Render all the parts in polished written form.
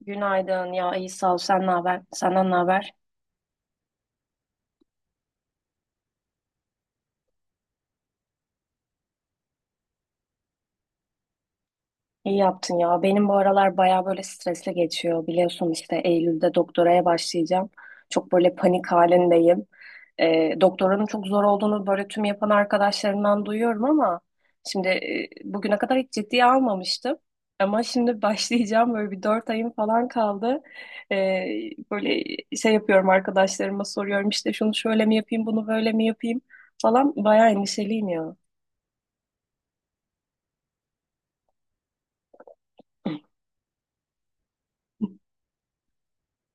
Günaydın ya, iyi sağ ol. Sen ne haber, senden ne haber? İyi yaptın ya, benim bu aralar baya böyle stresli geçiyor, biliyorsun işte Eylül'de doktoraya başlayacağım, çok böyle panik halindeyim. Doktoranın çok zor olduğunu böyle tüm yapan arkadaşlarımdan duyuyorum ama şimdi bugüne kadar hiç ciddiye almamıştım, ama şimdi başlayacağım, böyle bir 4 ayım falan kaldı. Ee, Böyle şey yapıyorum, arkadaşlarıma soruyorum işte şunu şöyle mi yapayım, bunu böyle mi yapayım falan, baya endişeliyim ya.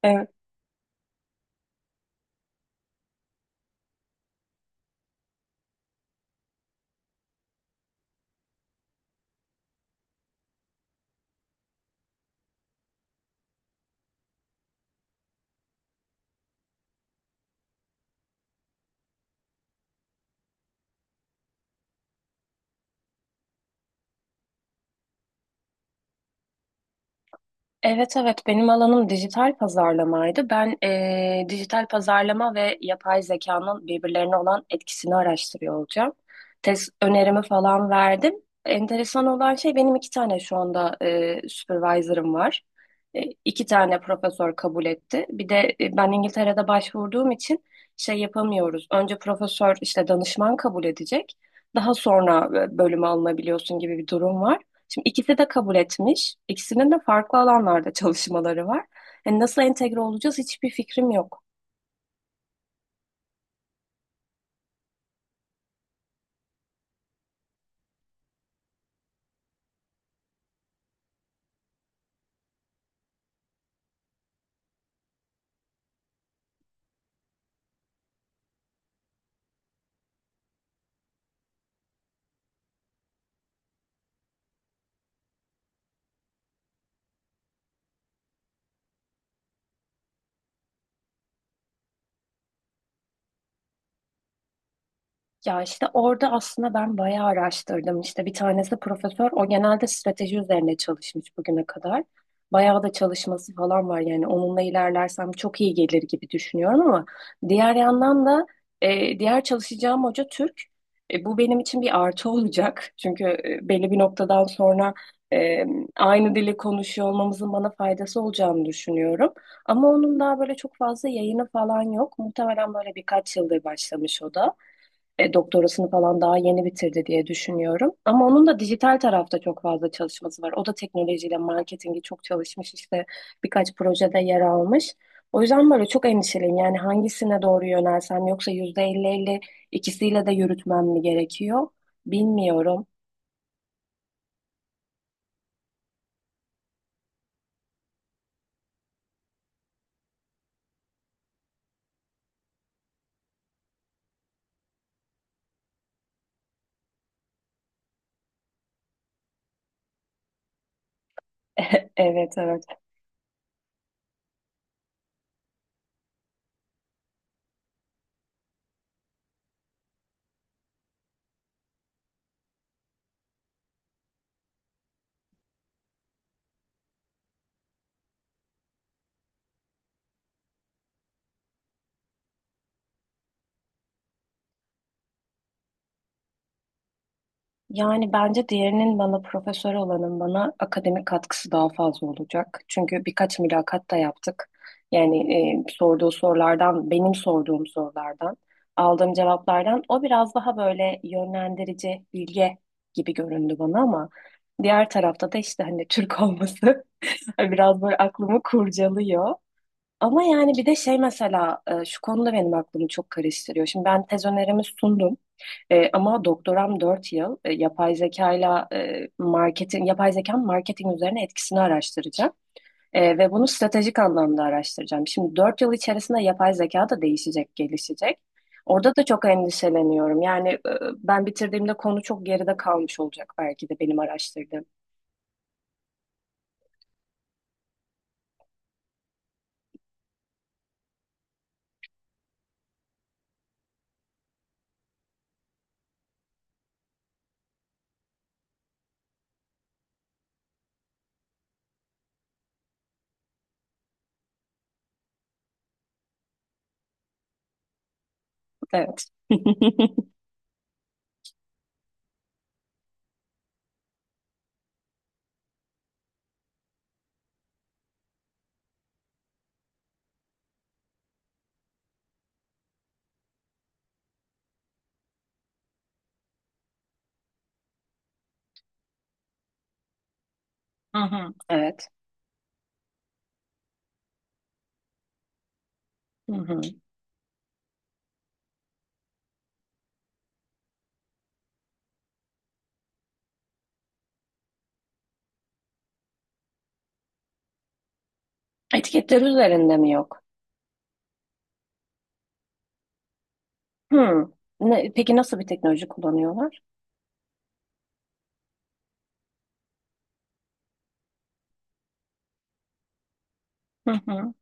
Evet. Evet evet, benim alanım dijital pazarlamaydı. Ben dijital pazarlama ve yapay zekanın birbirlerine olan etkisini araştırıyor olacağım. Test önerimi falan verdim. Enteresan olan şey, benim iki tane şu anda supervisor'ım var. İki tane profesör kabul etti. Bir de ben İngiltere'de başvurduğum için şey yapamıyoruz. Önce profesör işte danışman kabul edecek. Daha sonra bölüme alınabiliyorsun gibi bir durum var. Şimdi ikisi de kabul etmiş. İkisinin de farklı alanlarda çalışmaları var. Yani nasıl entegre olacağız, hiçbir fikrim yok. Ya işte orada aslında ben bayağı araştırdım. İşte bir tanesi profesör. O genelde strateji üzerine çalışmış bugüne kadar. Bayağı da çalışması falan var. Yani onunla ilerlersem çok iyi gelir gibi düşünüyorum, ama diğer yandan da diğer çalışacağım hoca Türk. Bu benim için bir artı olacak. Çünkü belli bir noktadan sonra e, aynı dili konuşuyor olmamızın bana faydası olacağını düşünüyorum. Ama onun daha böyle çok fazla yayını falan yok. Muhtemelen böyle birkaç yıldır başlamış, o da doktorasını falan daha yeni bitirdi diye düşünüyorum. Ama onun da dijital tarafta çok fazla çalışması var. O da teknolojiyle marketingi çok çalışmış, işte birkaç projede yer almış. O yüzden böyle çok endişeliyim. Yani hangisine doğru yönelsem, yoksa yüzde elli elli ikisiyle de yürütmem mi gerekiyor? Bilmiyorum. Evet evet. Yani bence diğerinin, bana profesör olanın bana akademik katkısı daha fazla olacak. Çünkü birkaç mülakat da yaptık. Yani sorduğu sorulardan, benim sorduğum sorulardan, aldığım cevaplardan o biraz daha böyle yönlendirici, bilge gibi göründü bana, ama diğer tarafta da işte hani Türk olması biraz böyle aklımı kurcalıyor. Ama yani bir de şey mesela şu konuda benim aklımı çok karıştırıyor. Şimdi ben tez önerimi sundum. Ama doktoram 4 yıl yapay zekayla marketin yapay zekanın marketing üzerine etkisini araştıracağım. Ve bunu stratejik anlamda araştıracağım. Şimdi 4 yıl içerisinde yapay zeka da değişecek, gelişecek. Orada da çok endişeleniyorum. Yani ben bitirdiğimde konu çok geride kalmış olacak belki de, benim araştırdığım. Evet. Hı hı. Evet. Hı hı. Etiketler üzerinde mi yok? Hı. Ne, peki nasıl bir teknoloji kullanıyorlar? Hı hı.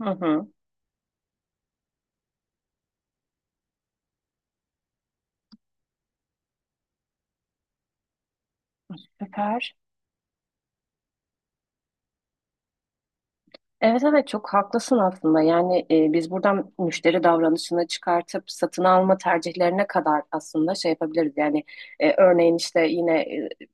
Hı hı. Süper. Evet evet, çok haklısın aslında. Yani biz buradan müşteri davranışını çıkartıp satın alma tercihlerine kadar aslında şey yapabiliriz. Yani örneğin işte yine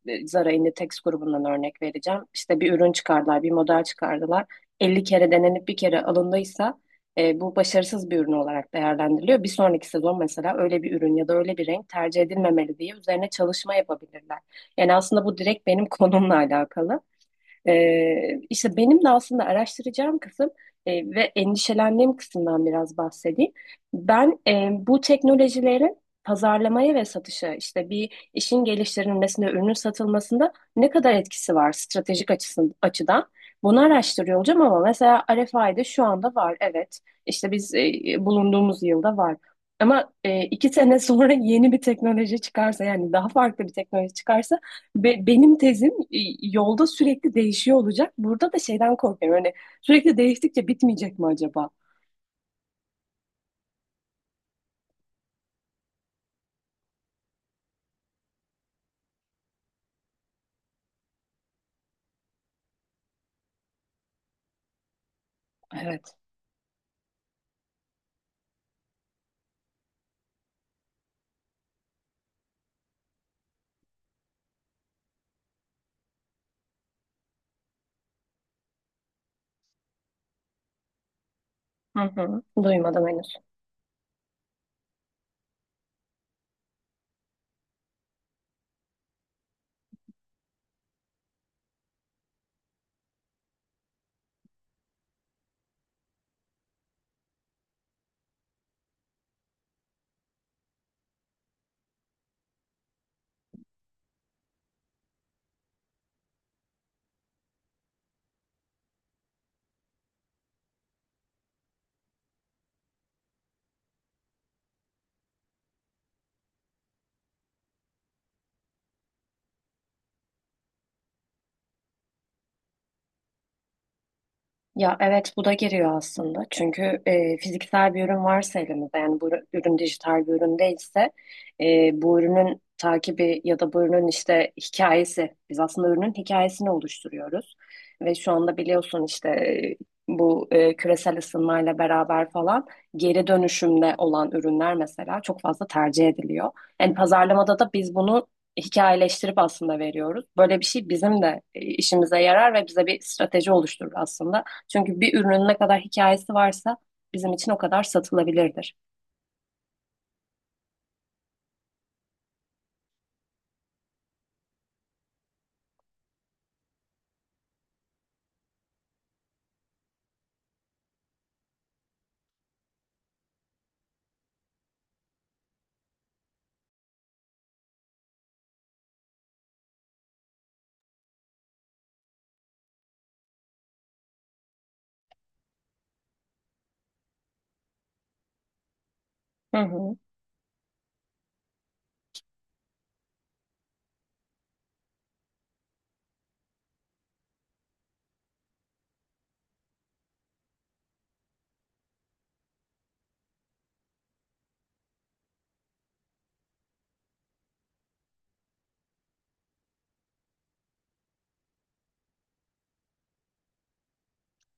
Zara Inditex grubundan örnek vereceğim. İşte bir ürün çıkardılar, bir model çıkardılar. 50 kere denenip bir kere alındıysa bu başarısız bir ürün olarak değerlendiriliyor. Bir sonraki sezon mesela öyle bir ürün ya da öyle bir renk tercih edilmemeli diye üzerine çalışma yapabilirler. Yani aslında bu direkt benim konumla alakalı. İşte benim de aslında araştıracağım kısım ve endişelendiğim kısımdan biraz bahsedeyim. Ben bu teknolojilerin pazarlamaya ve satışa, işte bir işin geliştirilmesinde, ürünün satılmasında ne kadar etkisi var stratejik açıdan? Bunu araştırıyor olacağım, ama mesela RFI'de şu anda var, evet. İşte biz, bulunduğumuz yılda var. Ama iki sene sonra yeni bir teknoloji çıkarsa, yani daha farklı bir teknoloji çıkarsa benim tezim yolda sürekli değişiyor olacak. Burada da şeyden korkuyorum. Hani sürekli değiştikçe bitmeyecek mi acaba? Evet. Hı hı. Duymadım henüz. Ya evet, bu da giriyor aslında. Çünkü fiziksel bir ürün varsa elimizde, yani bu ürün dijital bir ürün değilse bu ürünün takibi ya da bu ürünün işte hikayesi, biz aslında ürünün hikayesini oluşturuyoruz. Ve şu anda biliyorsun işte bu küresel ısınmayla beraber falan geri dönüşümde olan ürünler mesela çok fazla tercih ediliyor. Yani pazarlamada da biz bunu hikayeleştirip aslında veriyoruz. Böyle bir şey bizim de işimize yarar ve bize bir strateji oluşturur aslında. Çünkü bir ürünün ne kadar hikayesi varsa bizim için o kadar satılabilirdir. Hı hı.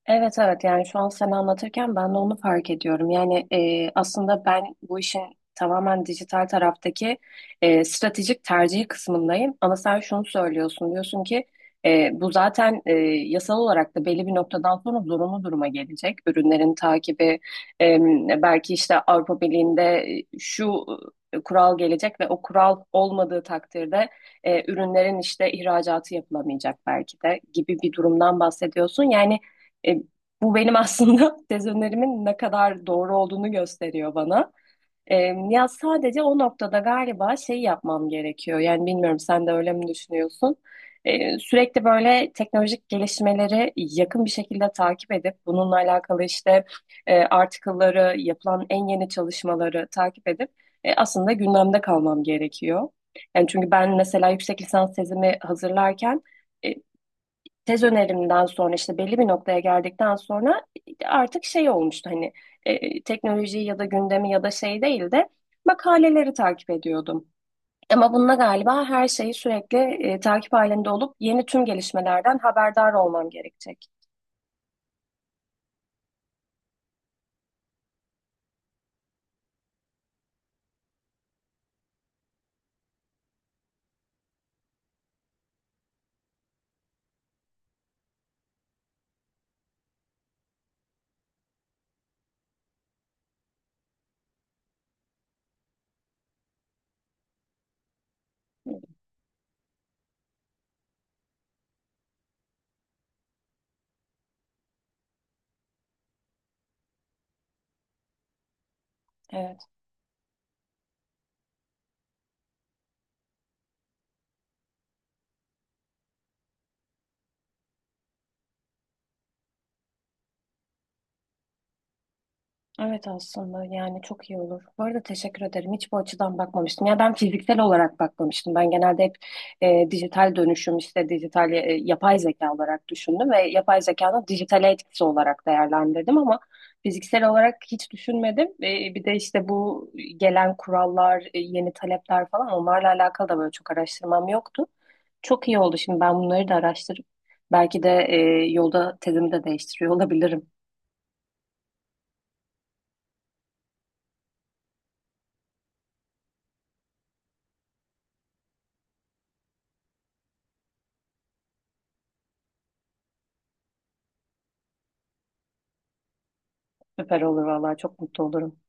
Evet evet, yani şu an sen anlatırken ben de onu fark ediyorum. Yani aslında ben bu işin tamamen dijital taraftaki stratejik tercihi kısmındayım. Ama sen şunu söylüyorsun, diyorsun ki bu zaten yasal olarak da belli bir noktadan sonra zorunlu duruma gelecek. Ürünlerin takibi e, belki işte Avrupa Birliği'nde şu kural gelecek ve o kural olmadığı takdirde ürünlerin işte ihracatı yapılamayacak belki de gibi bir durumdan bahsediyorsun. Yani e, bu benim aslında tez önerimin ne kadar doğru olduğunu gösteriyor bana. E, Ya sadece o noktada galiba şey yapmam gerekiyor. Yani bilmiyorum, sen de öyle mi düşünüyorsun? Sürekli böyle teknolojik gelişmeleri yakın bir şekilde takip edip bununla alakalı işte article'ları, yapılan en yeni çalışmaları takip edip aslında gündemde kalmam gerekiyor. Yani çünkü ben mesela yüksek lisans tezimi hazırlarken e, tez önerimden sonra işte belli bir noktaya geldikten sonra artık şey olmuştu hani teknolojiyi ya da gündemi ya da şey değil de makaleleri takip ediyordum. Ama bununla galiba her şeyi sürekli takip halinde olup yeni tüm gelişmelerden haberdar olmam gerekecek. Evet. Evet aslında, yani çok iyi olur. Bu arada teşekkür ederim. Hiç bu açıdan bakmamıştım. Ya ben fiziksel olarak bakmamıştım. Ben genelde hep dijital dönüşüm işte dijital yapay zeka olarak düşündüm ve yapay zekanın dijitale etkisi olarak değerlendirdim, ama fiziksel olarak hiç düşünmedim. Bir de işte bu gelen kurallar, yeni talepler falan onlarla alakalı da böyle çok araştırmam yoktu. Çok iyi oldu. Şimdi ben bunları da araştırıp belki de yolda tezimi de değiştiriyor olabilirim. Süper olur vallahi, çok mutlu olurum.